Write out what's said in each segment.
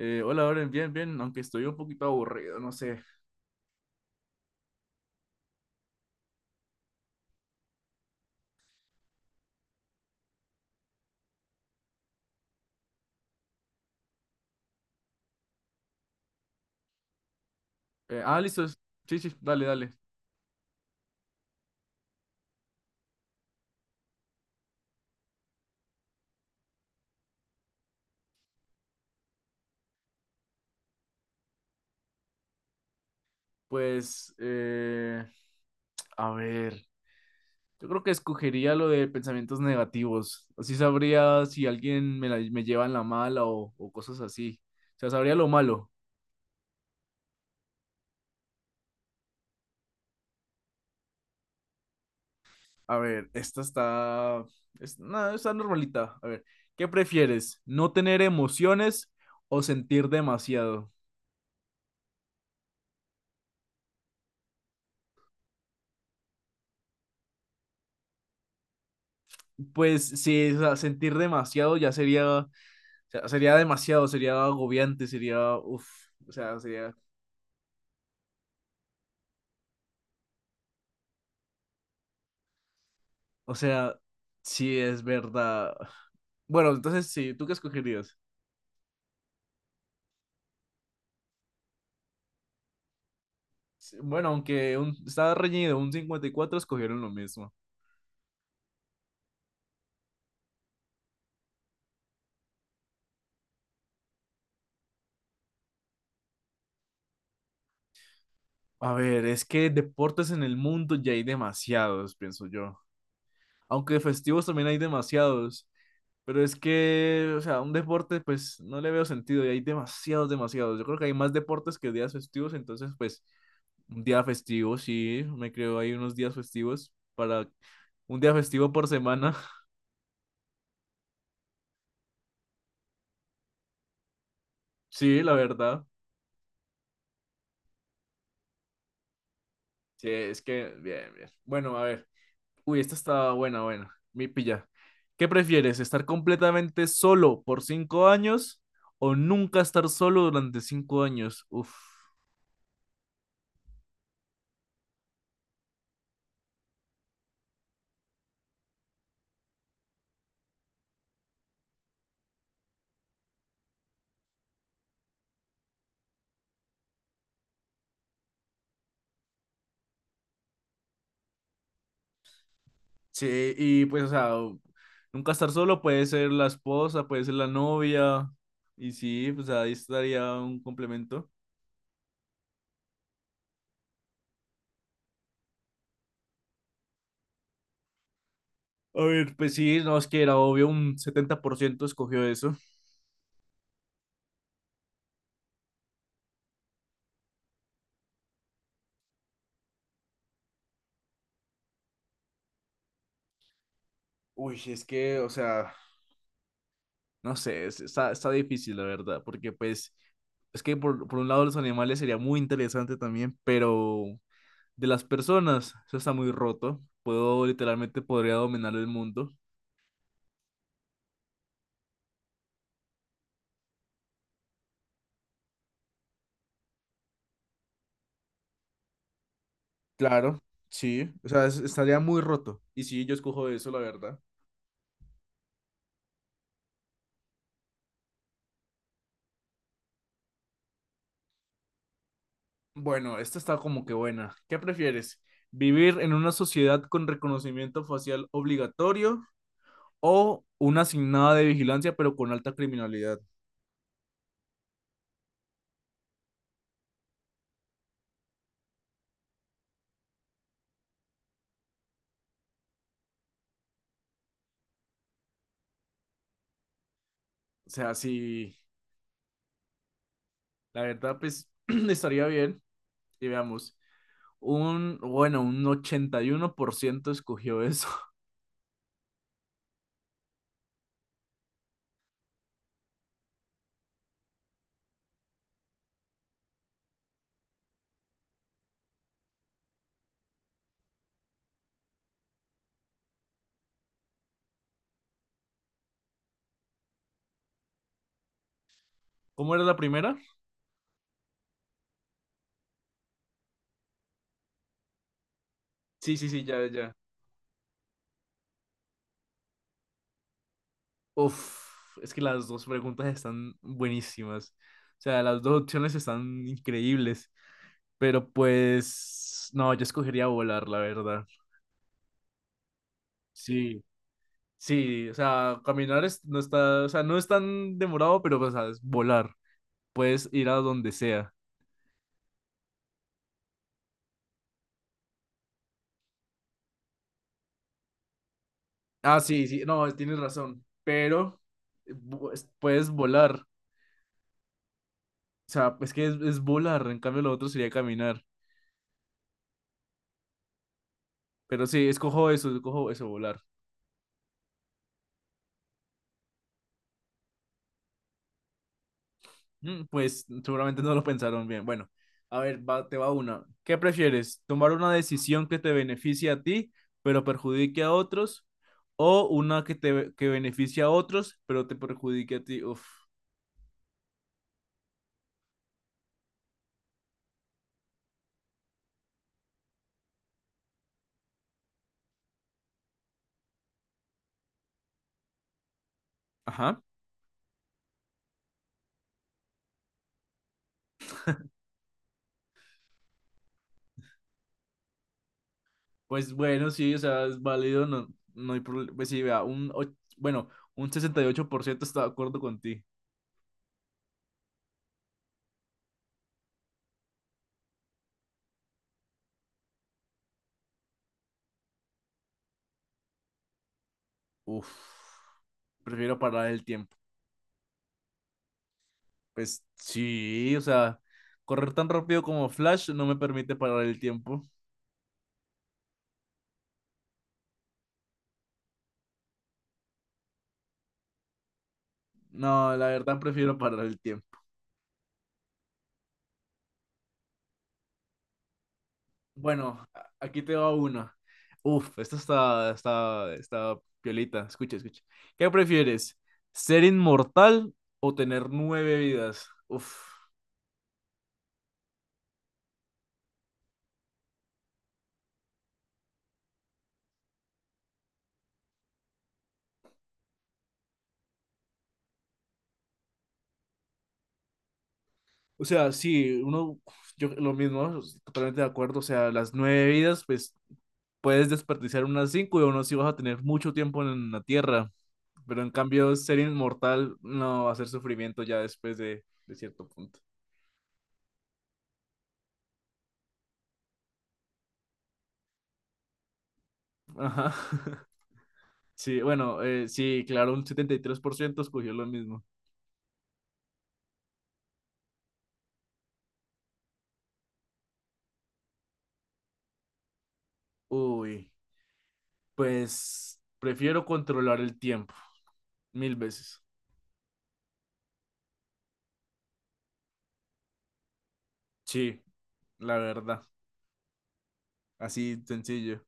Hola, Oren, bien, bien, aunque estoy un poquito aburrido, no sé. Listo. Sí, sí, dale, dale. Pues, a ver, yo creo que escogería lo de pensamientos negativos. Así sabría si alguien me lleva en la mala o cosas así. O sea, sabría lo malo. A ver, esta está, no, está normalita. A ver, ¿qué prefieres? ¿No tener emociones o sentir demasiado? Pues sí, o sea, sentir demasiado ya sería sería demasiado, sería agobiante, sería, o sea, sería, o sea, sí es verdad. Bueno, entonces sí, ¿tú qué escogerías? Sí, bueno, aunque estaba reñido, un 54 escogieron lo mismo. A ver, es que deportes en el mundo ya hay demasiados, pienso yo. Aunque festivos también hay demasiados. Pero es que, o sea, un deporte, pues no le veo sentido y hay demasiados, demasiados. Yo creo que hay más deportes que días festivos, entonces, pues un día festivo, sí, me creo ahí unos días festivos para un día festivo por semana. Sí, la verdad. Sí, es que, bien, bien. Bueno, a ver. Uy, esta está buena, buena. Mi pilla. ¿Qué prefieres? ¿Estar completamente solo por 5 años o nunca estar solo durante 5 años? Uf. Sí, y pues, o sea, nunca estar solo puede ser la esposa, puede ser la novia. Y sí, pues ahí estaría un complemento. A ver, pues sí, no, es que era obvio, un 70% escogió eso. Uy, es que, o sea, no sé, está difícil, la verdad, porque pues, es que por un lado los animales sería muy interesante también, pero de las personas, eso está muy roto. Puedo, literalmente, podría dominar el mundo. Claro, sí, o sea, estaría muy roto. Y sí, yo escojo eso, la verdad. Bueno, esta está como que buena. ¿Qué prefieres? ¿Vivir en una sociedad con reconocimiento facial obligatorio o una asignada de vigilancia, pero con alta criminalidad? O sea, si la verdad, pues estaría bien. Y veamos, un 81% escogió eso. ¿Cómo era la primera? Sí, sí, sí, ya, ya. Uf, es que las dos preguntas están buenísimas. O sea, las dos opciones están increíbles. Pero pues, no, yo escogería volar, la verdad. Sí, sí, o sea, caminar no está, o sea, no es tan demorado, pero, o sea, es volar. Puedes ir a donde sea. Ah, sí, sí, no, tienes razón, pero eh, bu- puedes volar. O sea, es que es volar, en cambio lo otro sería caminar. Pero sí, escojo eso, volar. Pues seguramente no lo pensaron bien. Bueno, a ver, te va una. ¿Qué prefieres? ¿Tomar una decisión que te beneficie a ti, pero perjudique a otros? ¿O una que te que beneficie a otros, pero te perjudique a ti? Uf. Ajá. Pues bueno, sí, o sea, es válido, no, no hay problema. Pues sí, vea, un 68% está de acuerdo con ti. Uf, prefiero parar el tiempo. Pues sí, o sea, correr tan rápido como Flash no me permite parar el tiempo. No, la verdad prefiero parar el tiempo. Bueno, aquí te va una. Uf, esta está piolita. Escucha, escucha. ¿Qué prefieres? ¿Ser inmortal o tener nueve vidas? Uf. O sea, sí, uno, yo lo mismo, totalmente de acuerdo. O sea, las nueve vidas, pues puedes desperdiciar unas cinco y aún así vas a tener mucho tiempo en la tierra. Pero en cambio, ser inmortal no va a ser sufrimiento ya después de cierto punto. Ajá. Sí, bueno, sí, claro, un 73% escogió lo mismo. Uy, pues prefiero controlar el tiempo mil veces. Sí, la verdad, así sencillo.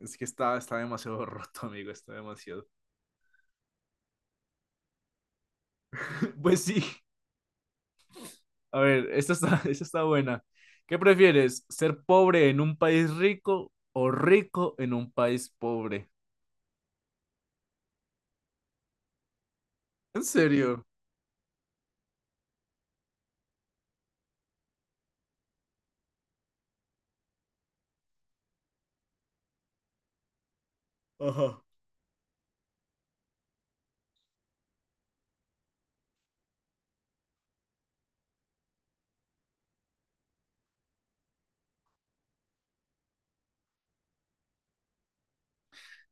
Es que está demasiado roto, amigo, está demasiado. Pues sí, a ver, esta está, esta está buena. ¿Qué prefieres? ¿Ser pobre en un país rico o rico en un país pobre? ¿En serio? Ajá.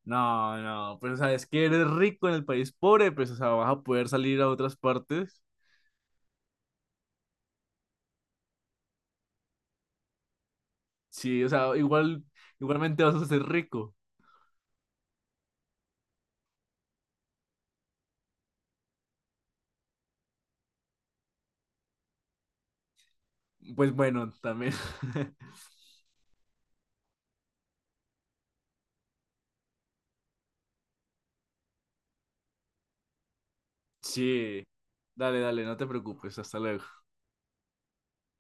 No, no, pero sabes que eres rico en el país pobre, pues o sea, vas a poder salir a otras partes. Sí, o sea, igualmente vas a ser rico. Pues bueno, también. Sí. Dale, dale, no te preocupes, hasta luego.